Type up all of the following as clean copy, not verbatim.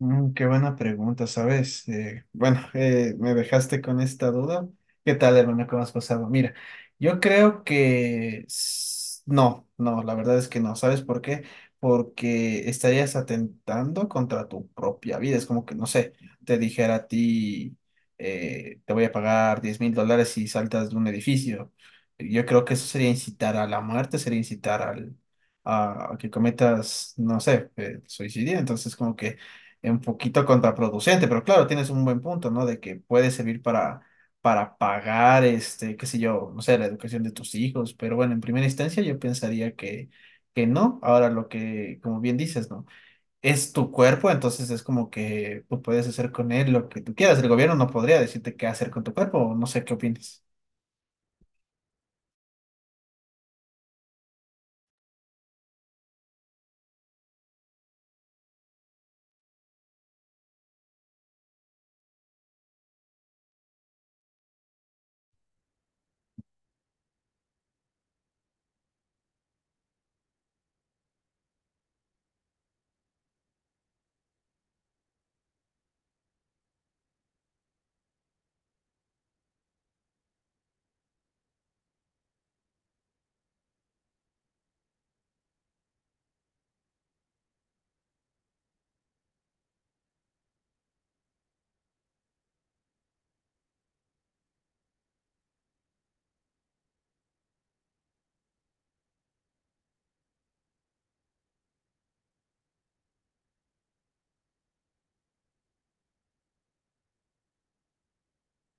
Mm, qué buena pregunta, ¿sabes? Bueno, Me dejaste con esta duda. ¿Qué tal, hermano? ¿Cómo has pasado? Mira, yo creo que no, no, la verdad es que no. ¿Sabes por qué? Porque estarías atentando contra tu propia vida. Es como que, no sé, te dijera a ti, te voy a pagar $10.000 si saltas de un edificio. Yo creo que eso sería incitar a la muerte, sería incitar al... a que cometas, no sé, suicidio, entonces como que un poquito contraproducente, pero claro, tienes un buen punto, ¿no? De que puede servir para pagar, este, qué sé yo, no sé, la educación de tus hijos, pero bueno, en primera instancia yo pensaría que no. Ahora lo que, como bien dices, ¿no? Es tu cuerpo, entonces es como que tú puedes hacer con él lo que tú quieras. El gobierno no podría decirte qué hacer con tu cuerpo, o no sé qué opinas.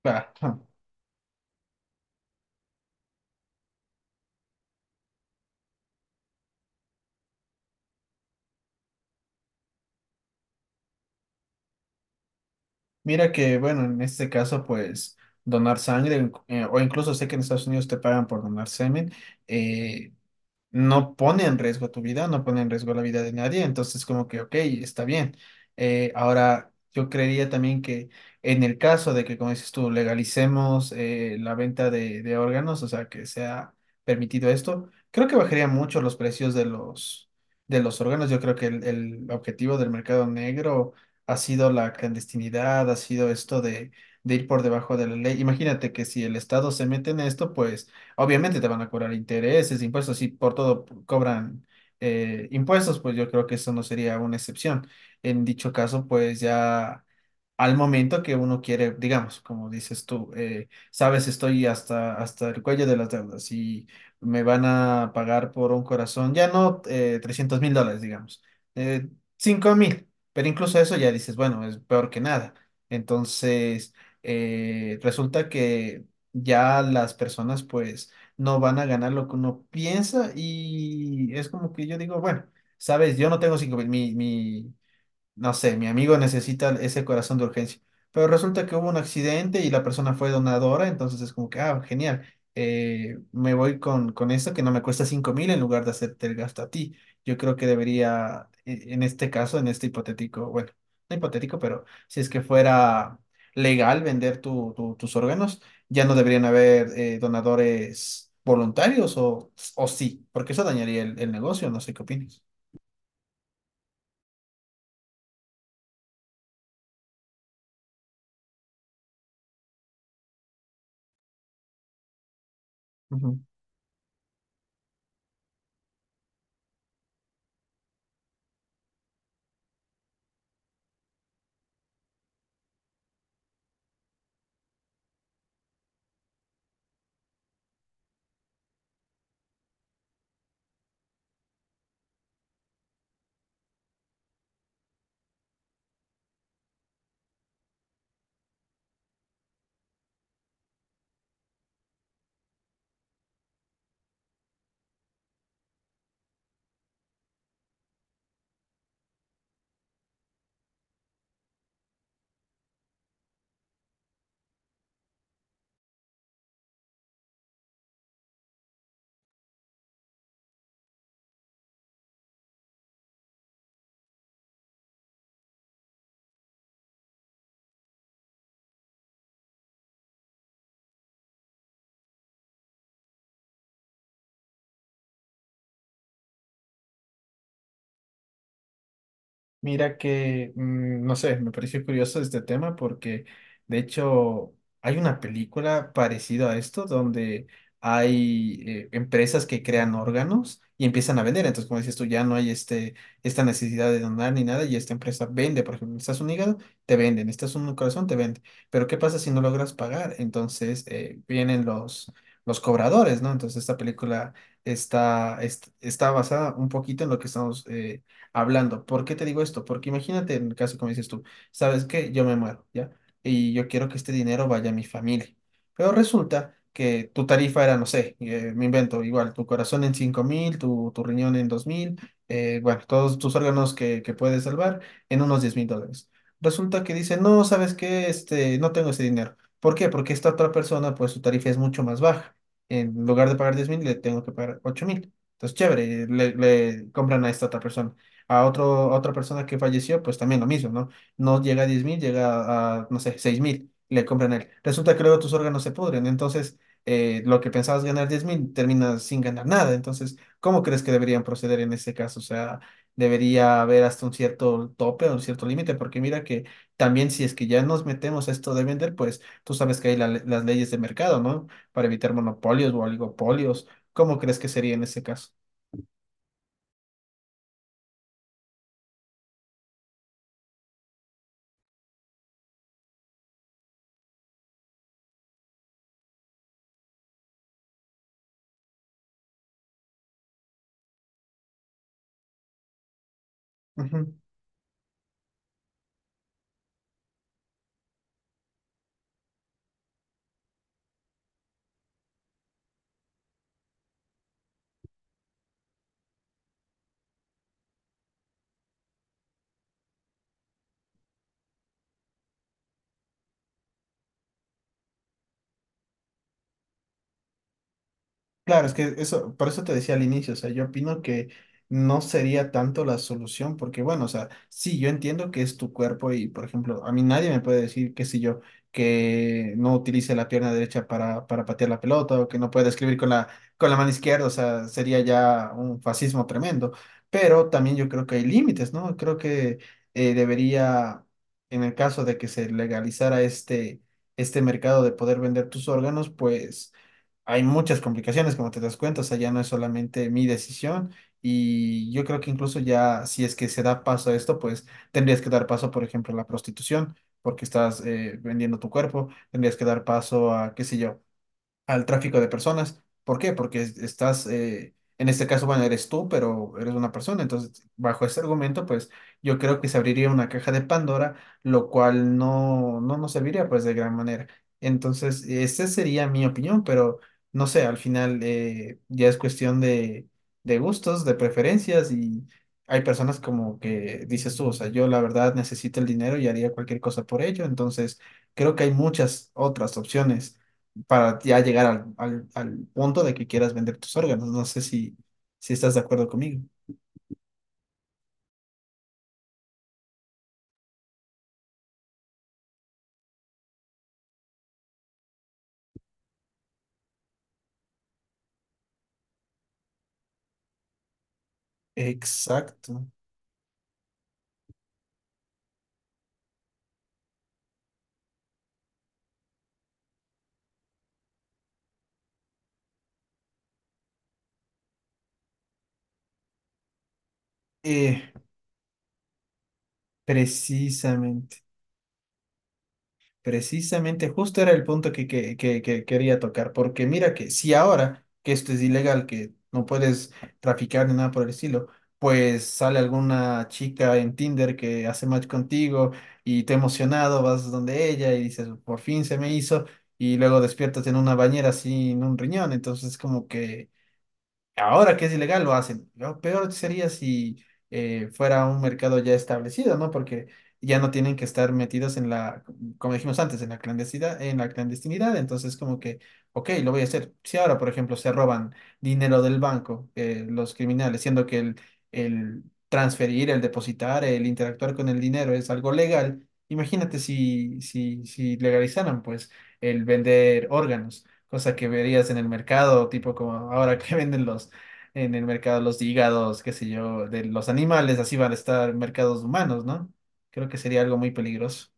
Ah, ah. Mira que, bueno, en este caso, pues donar sangre, o incluso sé que en Estados Unidos te pagan por donar semen, eh, no pone en riesgo tu vida, no pone en riesgo la vida de nadie, entonces como que, ok, está bien. Ahora, yo creería también que en el caso de que, como dices tú, legalicemos la venta de órganos, o sea, que sea permitido esto, creo que bajaría mucho los precios de de los órganos. Yo creo que el objetivo del mercado negro ha sido la clandestinidad, ha sido esto de ir por debajo de la ley. Imagínate que si el Estado se mete en esto, pues obviamente te van a cobrar intereses, impuestos, si por todo cobran impuestos, pues yo creo que eso no sería una excepción. En dicho caso, pues ya al momento que uno quiere, digamos, como dices tú, sabes, estoy hasta el cuello de las deudas y me van a pagar por un corazón, ya no 300 mil dólares, digamos, eh, 5 mil, pero incluso eso ya dices, bueno, es peor que nada. Entonces, resulta que ya las personas, pues, no van a ganar lo que uno piensa y es como que yo digo, bueno, sabes, yo no tengo 5000, no sé, mi amigo necesita ese corazón de urgencia. Pero resulta que hubo un accidente y la persona fue donadora, entonces es como que, ah, genial, me voy con esto que no me cuesta 5000 en lugar de hacerte el gasto a ti. Yo creo que en este caso, en este hipotético, bueno, no hipotético, pero si es que fuera legal vender tus órganos, ya no deberían haber donadores voluntarios o sí, porque eso dañaría el negocio, no sé qué opinas. Mira que, mm, no sé, me pareció curioso este tema porque de hecho hay una película parecida a esto donde hay empresas que crean órganos y empiezan a vender. Entonces, como dices tú, ya no hay esta necesidad de donar ni nada y esta empresa vende, por ejemplo, estás un hígado, te venden, estás un corazón, te venden. Pero ¿qué pasa si no logras pagar? Entonces vienen los cobradores, ¿no? Entonces esta película está basada un poquito en lo que estamos hablando. ¿Por qué te digo esto? Porque imagínate en el caso, como dices tú, ¿sabes que Yo me muero, ¿ya? Y yo quiero que este dinero vaya a mi familia. Pero resulta que tu tarifa era, no sé, me invento, igual, tu corazón en 5000, tu riñón en 2000, bueno, todos tus órganos que puedes salvar en unos $10.000. Resulta que dice, no, ¿sabes qué? Este, no tengo ese dinero. ¿Por qué? Porque esta otra persona, pues su tarifa es mucho más baja. En lugar de pagar 10000, le tengo que pagar 8000. Entonces, chévere, le compran a esta otra persona a a otra persona que falleció, pues también lo mismo, ¿no? No llega a 10000 llega a, no sé, 6000 le compran él. Resulta que luego tus órganos se pudren, entonces lo que pensabas ganar 10000 terminas sin ganar nada. Entonces, ¿cómo crees que deberían proceder en ese caso? O sea, debería haber hasta un cierto tope o un cierto límite, porque mira que también si es que ya nos metemos a esto de vender, pues tú sabes que hay las leyes de mercado, ¿no? Para evitar monopolios o oligopolios. ¿Cómo crees que sería en ese caso? Ujú. Claro, es que eso, por eso te decía al inicio, o sea, yo opino que no sería tanto la solución, porque bueno, o sea, sí, yo entiendo que es tu cuerpo y, por ejemplo, a mí nadie me puede decir, qué sé yo, que no utilice la pierna derecha para patear la pelota o que no pueda escribir con con la mano izquierda, o sea, sería ya un fascismo tremendo, pero también yo creo que hay límites, ¿no? Creo que eh, debería, en el caso de que se legalizara este mercado de poder vender tus órganos, pues hay muchas complicaciones, como te das cuenta, o sea, ya no es solamente mi decisión y yo creo que incluso ya si es que se da paso a esto, pues tendrías que dar paso, por ejemplo, a la prostitución, porque estás vendiendo tu cuerpo, tendrías que dar paso a, qué sé yo, al tráfico de personas. ¿Por qué? Porque estás, en este caso, bueno, eres tú, pero eres una persona. Entonces, bajo ese argumento, pues yo creo que se abriría una caja de Pandora, lo cual no, no nos serviría pues de gran manera. Entonces, esa sería mi opinión, pero no sé, al final ya es cuestión de gustos, de preferencias y hay personas como que dices tú, o sea, yo la verdad necesito el dinero y haría cualquier cosa por ello. Entonces, creo que hay muchas otras opciones para ya llegar al punto de que quieras vender tus órganos. No sé si estás de acuerdo conmigo. Exacto. Eh, precisamente. Precisamente, justo era el punto que quería tocar, porque mira que si ahora que esto es ilegal, que no puedes traficar ni nada por el estilo, pues sale alguna chica en Tinder que hace match contigo y te emocionado, vas donde ella y dices, por fin se me hizo, y luego despiertas en una bañera sin un riñón, entonces como que ahora que es ilegal lo hacen. Lo peor sería si fuera un mercado ya establecido, ¿no? Porque ya no tienen que estar metidos en la, como dijimos antes, en la clandestinidad, en la clandestinidad. Entonces, como que, ok, lo voy a hacer. Si ahora, por ejemplo, se roban dinero del banco, los criminales, siendo que el transferir, el depositar, el interactuar con el dinero es algo legal, imagínate si legalizaran, pues, el vender órganos, cosa que verías en el mercado, tipo como ahora que venden los en el mercado los hígados, qué sé yo, de los animales, así van a estar en mercados humanos, ¿no? Creo que sería algo muy peligroso.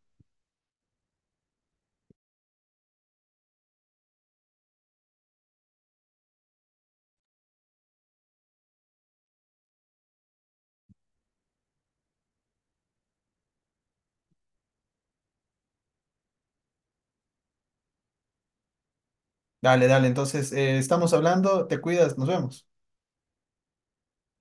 Dale, dale. Entonces estamos hablando, te cuidas, nos vemos.